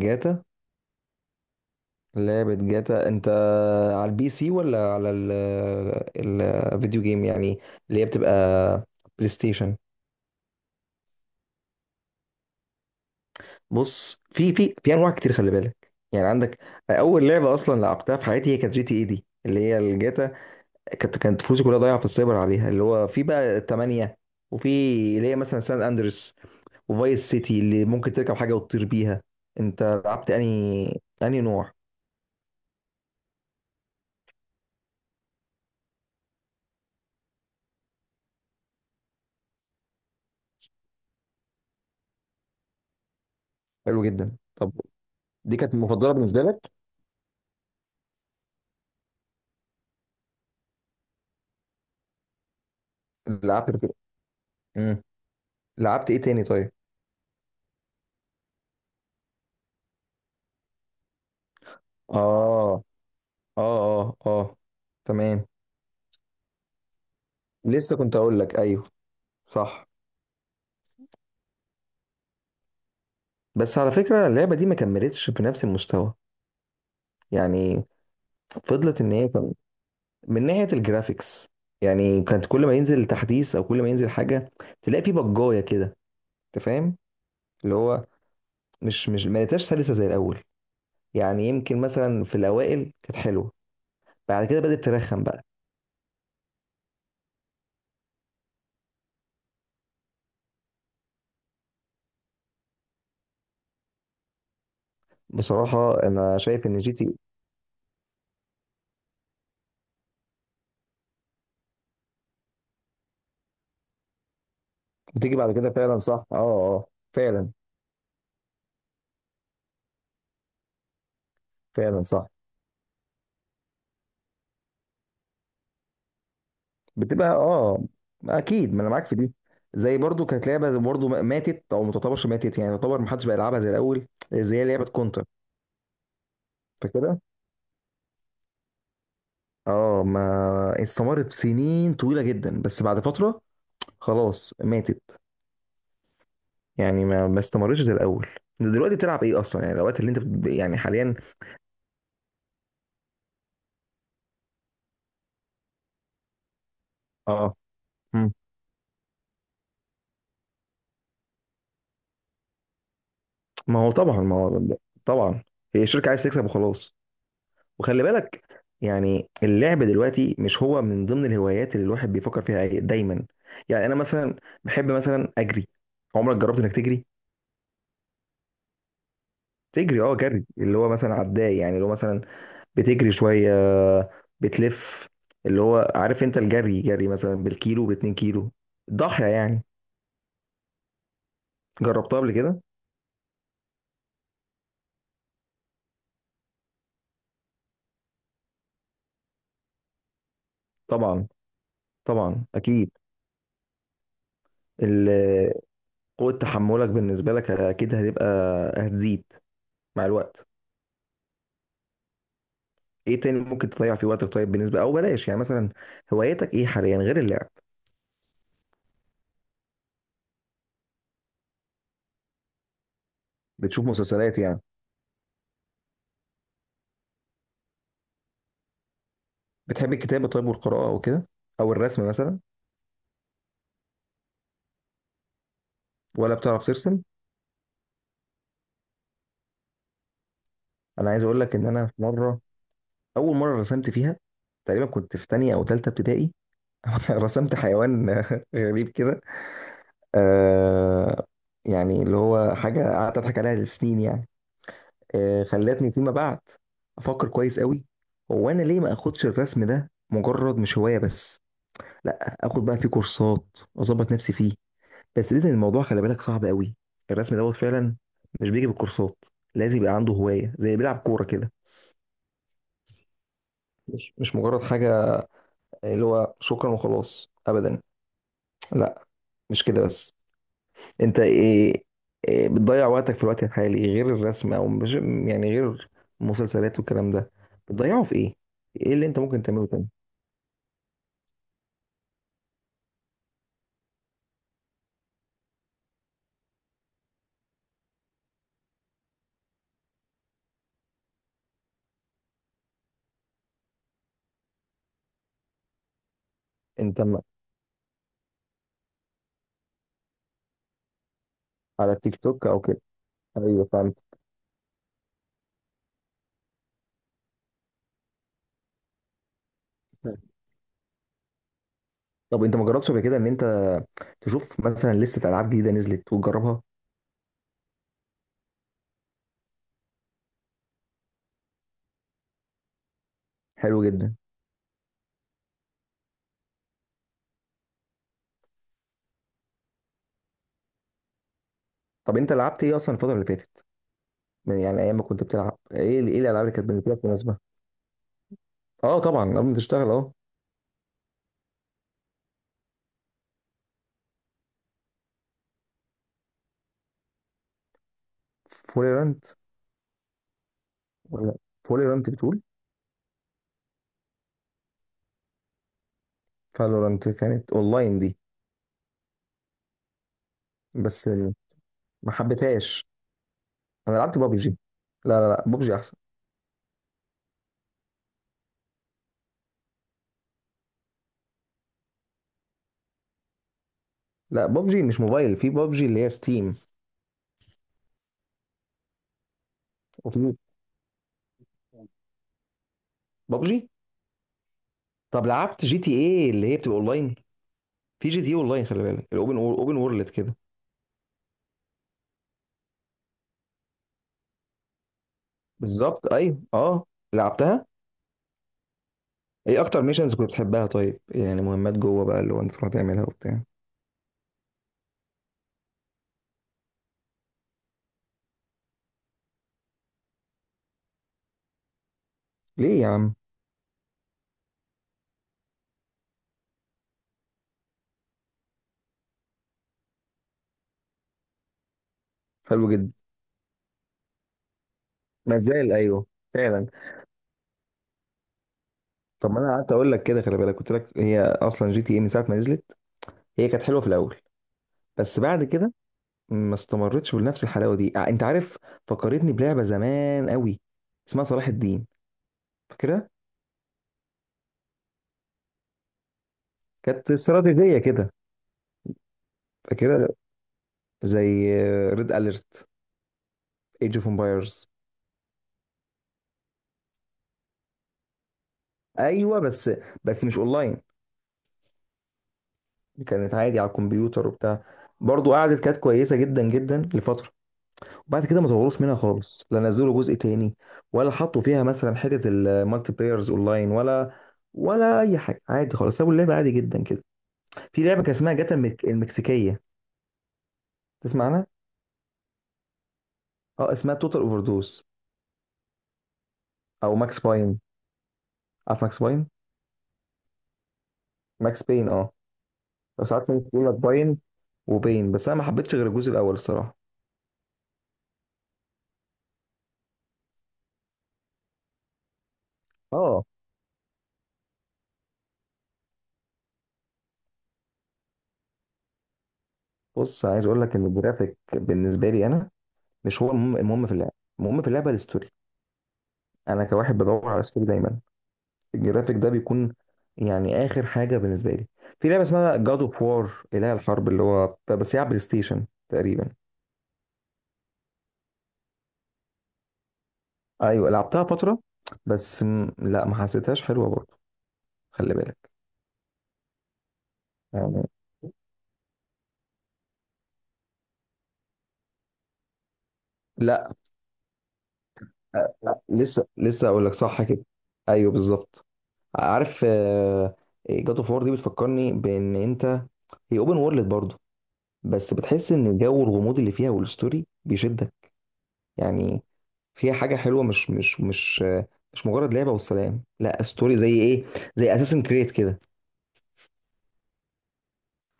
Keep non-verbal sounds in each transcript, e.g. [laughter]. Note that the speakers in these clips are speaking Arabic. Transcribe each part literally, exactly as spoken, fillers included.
جاتا، لعبة جاتا انت على البي سي ولا على ال- الفيديو جيم يعني اللي هي بتبقى بلاي ستيشن. بص، في في في انواع كتير، خلي بالك. يعني عندك اول لعبة اصلا لعبتها في حياتي هي كانت جي تي اي دي اللي هي الجاتا. كانت كانت فلوسي كلها ضايعة في السايبر عليها، اللي هو في بقى تمانية، وفي اللي هي مثلا سان اندريس وفايس سيتي اللي ممكن تركب حاجة وتطير بيها. انت لعبت انهي، انهي نوع؟ حلو جدا، طب دي كانت مفضله بالنسبه لك؟ لعبت، امم لعبت ايه تاني طيب؟ اه، اه، اه اه، تمام، لسه كنت اقول لك ايوه، صح. بس على فكره اللعبه دي ما كملتش بنفس المستوى يعني. فضلت ان هي كم- من ناحيه الجرافيكس يعني. كانت كل ما ينزل تحديث او كل ما ينزل حاجه تلاقي في بجايه كده، انت فاهم؟ اللي هو مش مش ما لقيتهاش سلسه زي الاول يعني. يمكن مثلا في الاوائل كانت حلوه، بعد كده بدات ترخم بقى. بصراحه انا شايف ان جي تي بتيجي بعد كده، فعلا صح، اه اه، فعلا، فعلا صح. بتبقى اه، اكيد، ما انا معاك في دي. زي برضو كانت لعبه برضو ماتت، او ما تعتبرش ماتت يعني، تعتبر ما حدش بقى يلعبها زي الاول، زي لعبه كونتر فكده. اه، ما استمرت سنين طويله جدا، بس بعد فتره خلاص ماتت يعني، ما ما استمرتش زي الاول. دلوقتي بتلعب ايه اصلا يعني، الوقت اللي انت بت- يعني حاليا؟ اه. مم. ما هو طبعا، ما هو طبعا، هي الشركه عايز تكسب وخلاص. وخلي بالك يعني، اللعب دلوقتي مش هو من ضمن الهوايات اللي الواحد بيفكر فيها دايما. يعني انا مثلا بحب مثلا اجري. عمرك جربت انك تجري؟ تجري اه، جري اللي هو مثلا عداء يعني، اللي هو مثلا بتجري شويه، بتلف، اللي هو عارف انت الجري، جري مثلا بالكيلو، باتنين كيلو، ضاحيه يعني. جربتها قبل كده؟ طبعا، طبعا اكيد. ال- قوه تحملك بالنسبه لك اكيد هتبقى، هتزيد مع الوقت. ايه تاني ممكن تضيع فيه وقتك طيب؟ بالنسبه، او بلاش يعني مثلا، هوايتك ايه حاليا غير اللعب؟ بتشوف مسلسلات يعني. بتحب الكتابه طيب والقراءه او كده، او الرسم مثلا؟ ولا بتعرف ترسم؟ انا عايز اقول لك ان انا في مره، اول مره رسمت فيها تقريبا كنت في تانية او تالتة ابتدائي [laughs] رسمت حيوان [laughs] غريب كده. آه، يعني اللي هو حاجه قعدت اضحك عليها لسنين يعني. آه، خلتني فيما بعد افكر كويس قوي، هو انا ليه ما اخدش الرسم ده مجرد مش هوايه بس، لا اخد بقى فيه كورسات، اظبط نفسي فيه. بس لازم الموضوع، خلي بالك، صعب قوي. الرسم دوت فعلا مش بيجي بالكورسات، لازم يبقى عنده هوايه زي بيلعب كوره كده، مش مش مجرد حاجه اللي هو شكرا وخلاص ابدا، لا مش كده بس. انت ايه, إيه بتضيع وقتك في الوقت الحالي غير الرسم؟ او مش يعني، غير المسلسلات والكلام ده بتضيعه في ايه؟ ايه اللي انت ممكن تعمله تاني؟ انت م- على التيك توك او كده؟ ايوه فهمت. طب انت ما جربتش قبل كده ان انت تشوف مثلا لسه العاب جديده نزلت وتجربها؟ حلو جدا. طب انت لعبت ايه اصلا الفتره اللي فاتت من- يعني ايام ما كنت بتلعب؟ ايه ال- ايه الالعاب اللي كانت بالنسبه لك مناسبه؟ اه طبعا، قبل ما تشتغل اه. فوليرانت ولا، فوليرانت بتقول؟ فالورانت كانت اونلاين دي. بس ما حبيتهاش. انا لعبت بابجي، لا لا لا بابجي احسن. لا بابجي مش موبايل، في بابجي اللي هي ستيم. وفي بابجي. طب لعبت جي تي ايه اللي هي بتبقى اونلاين؟ في جي تي اونلاين، خلي بالك، الاوبن، اوبن وورلد كده. بالظبط، ايوه اه، لعبتها. ايه اكتر ميشنز كنت بتحبها طيب يعني، مهمات جوه بقى اللي هو انت تروح تعملها وبتاع؟ ليه يا عم؟ حلو جدا. مازال، ايوه. فعلا. طب ما انا قعدت اقول لك كده، خلي بالك، قلت لك هي اصلا جي تي اي من ساعه ما نزلت هي كانت حلوه في الاول، بس بعد كده ما استمرتش بنفس الحلاوه دي، ع- انت عارف. فكرتني بلعبه زمان قوي اسمها صلاح الدين، فاكرها؟ كانت استراتيجيه كده، فاكرها؟ زي ريد اليرت، ايج اوف امبايرز. ايوه بس، بس مش اونلاين، كانت عادي على الكمبيوتر وبتاع. برضو قعدت، كانت كويسه جدا جدا لفتره، وبعد كده ما طوروش منها خالص، لا نزلوا جزء تاني، ولا حطوا فيها مثلا حته المالتي بلايرز اونلاين، ولا ولا اي حاجه، عادي خالص سابوا اللعبه عادي جدا كده. في لعبه كان اسمها جاتا المك- المكسيكيه، تسمع عنها؟ اه اسمها توتال اوفر دوز، او ماكس باين. عارف ماكس باين؟ ماكس باين اه. بس ساعات الناس بتقول لك باين وباين، بس انا ما حبيتش غير الجزء الاول الصراحه اه. بص، عايز اقول لك ان الجرافيك بالنسبه لي انا مش هو المهم، المهم في اللعبه، المهم في اللعبه الستوري. انا كواحد بدور على ستوري دايما، الجرافيك ده بيكون يعني اخر حاجه بالنسبه لي. في لعبه اسمها جاد اوف وار، اله الحرب، اللي هو بس هي على بلاي ستيشن تقريبا. ايوه لعبتها فتره، بس م... لا، ما حسيتهاش حلوه برضه، خلي بالك. يعني لا، آه، لا، لسه لسه اقول لك صح كده. ايوه بالظبط. عارف جاد اوف وار دي بتفكرني بان انت، هي اوبن وورلد برضه، بس بتحس ان جو الغموض اللي فيها والستوري بيشد يعني، فيها حاجه حلوه، مش مش مش مش مجرد لعبه والسلام، لا ستوري زي ايه، زي اساسن كريد كده.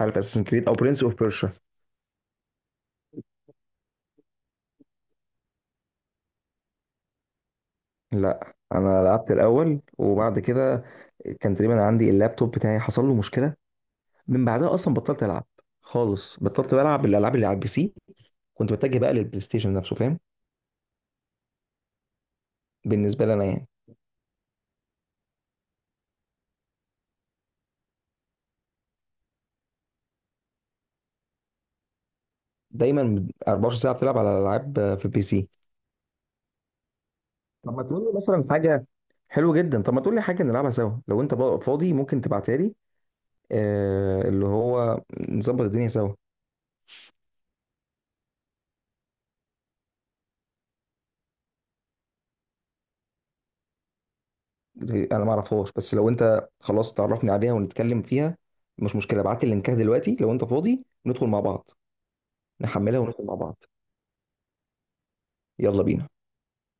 عارف اساسن كريد، او برنس اوف بيرشا؟ لا انا لعبت الاول، وبعد كده كان تقريبا عندي اللابتوب بتاعي حصل له مشكله، من بعدها اصلا بطلت العب خالص، بطلت بلعب الالعاب اللي على البي سي، كنت بتجه بقى للبلاي ستيشن نفسه، فاهم؟ بالنسبه لي انا يعني. دايما أربعة وعشرين ساعه بتلعب على العاب في البي سي؟ طب ما تقول لي مثلا حاجه، حلو جدا، طب ما تقول لي حاجه نلعبها سوا. لو انت بقى فاضي ممكن تبعتها لي، آه، اللي هو نظبط الدنيا سوا. انا ما اعرفهاش، بس لو انت خلاص تعرفني عليها ونتكلم فيها مش مشكله. ابعت لي اللينكات دلوقتي لو انت فاضي، ندخل مع بعض، نحملها وندخل مع بعض. يلا بينا.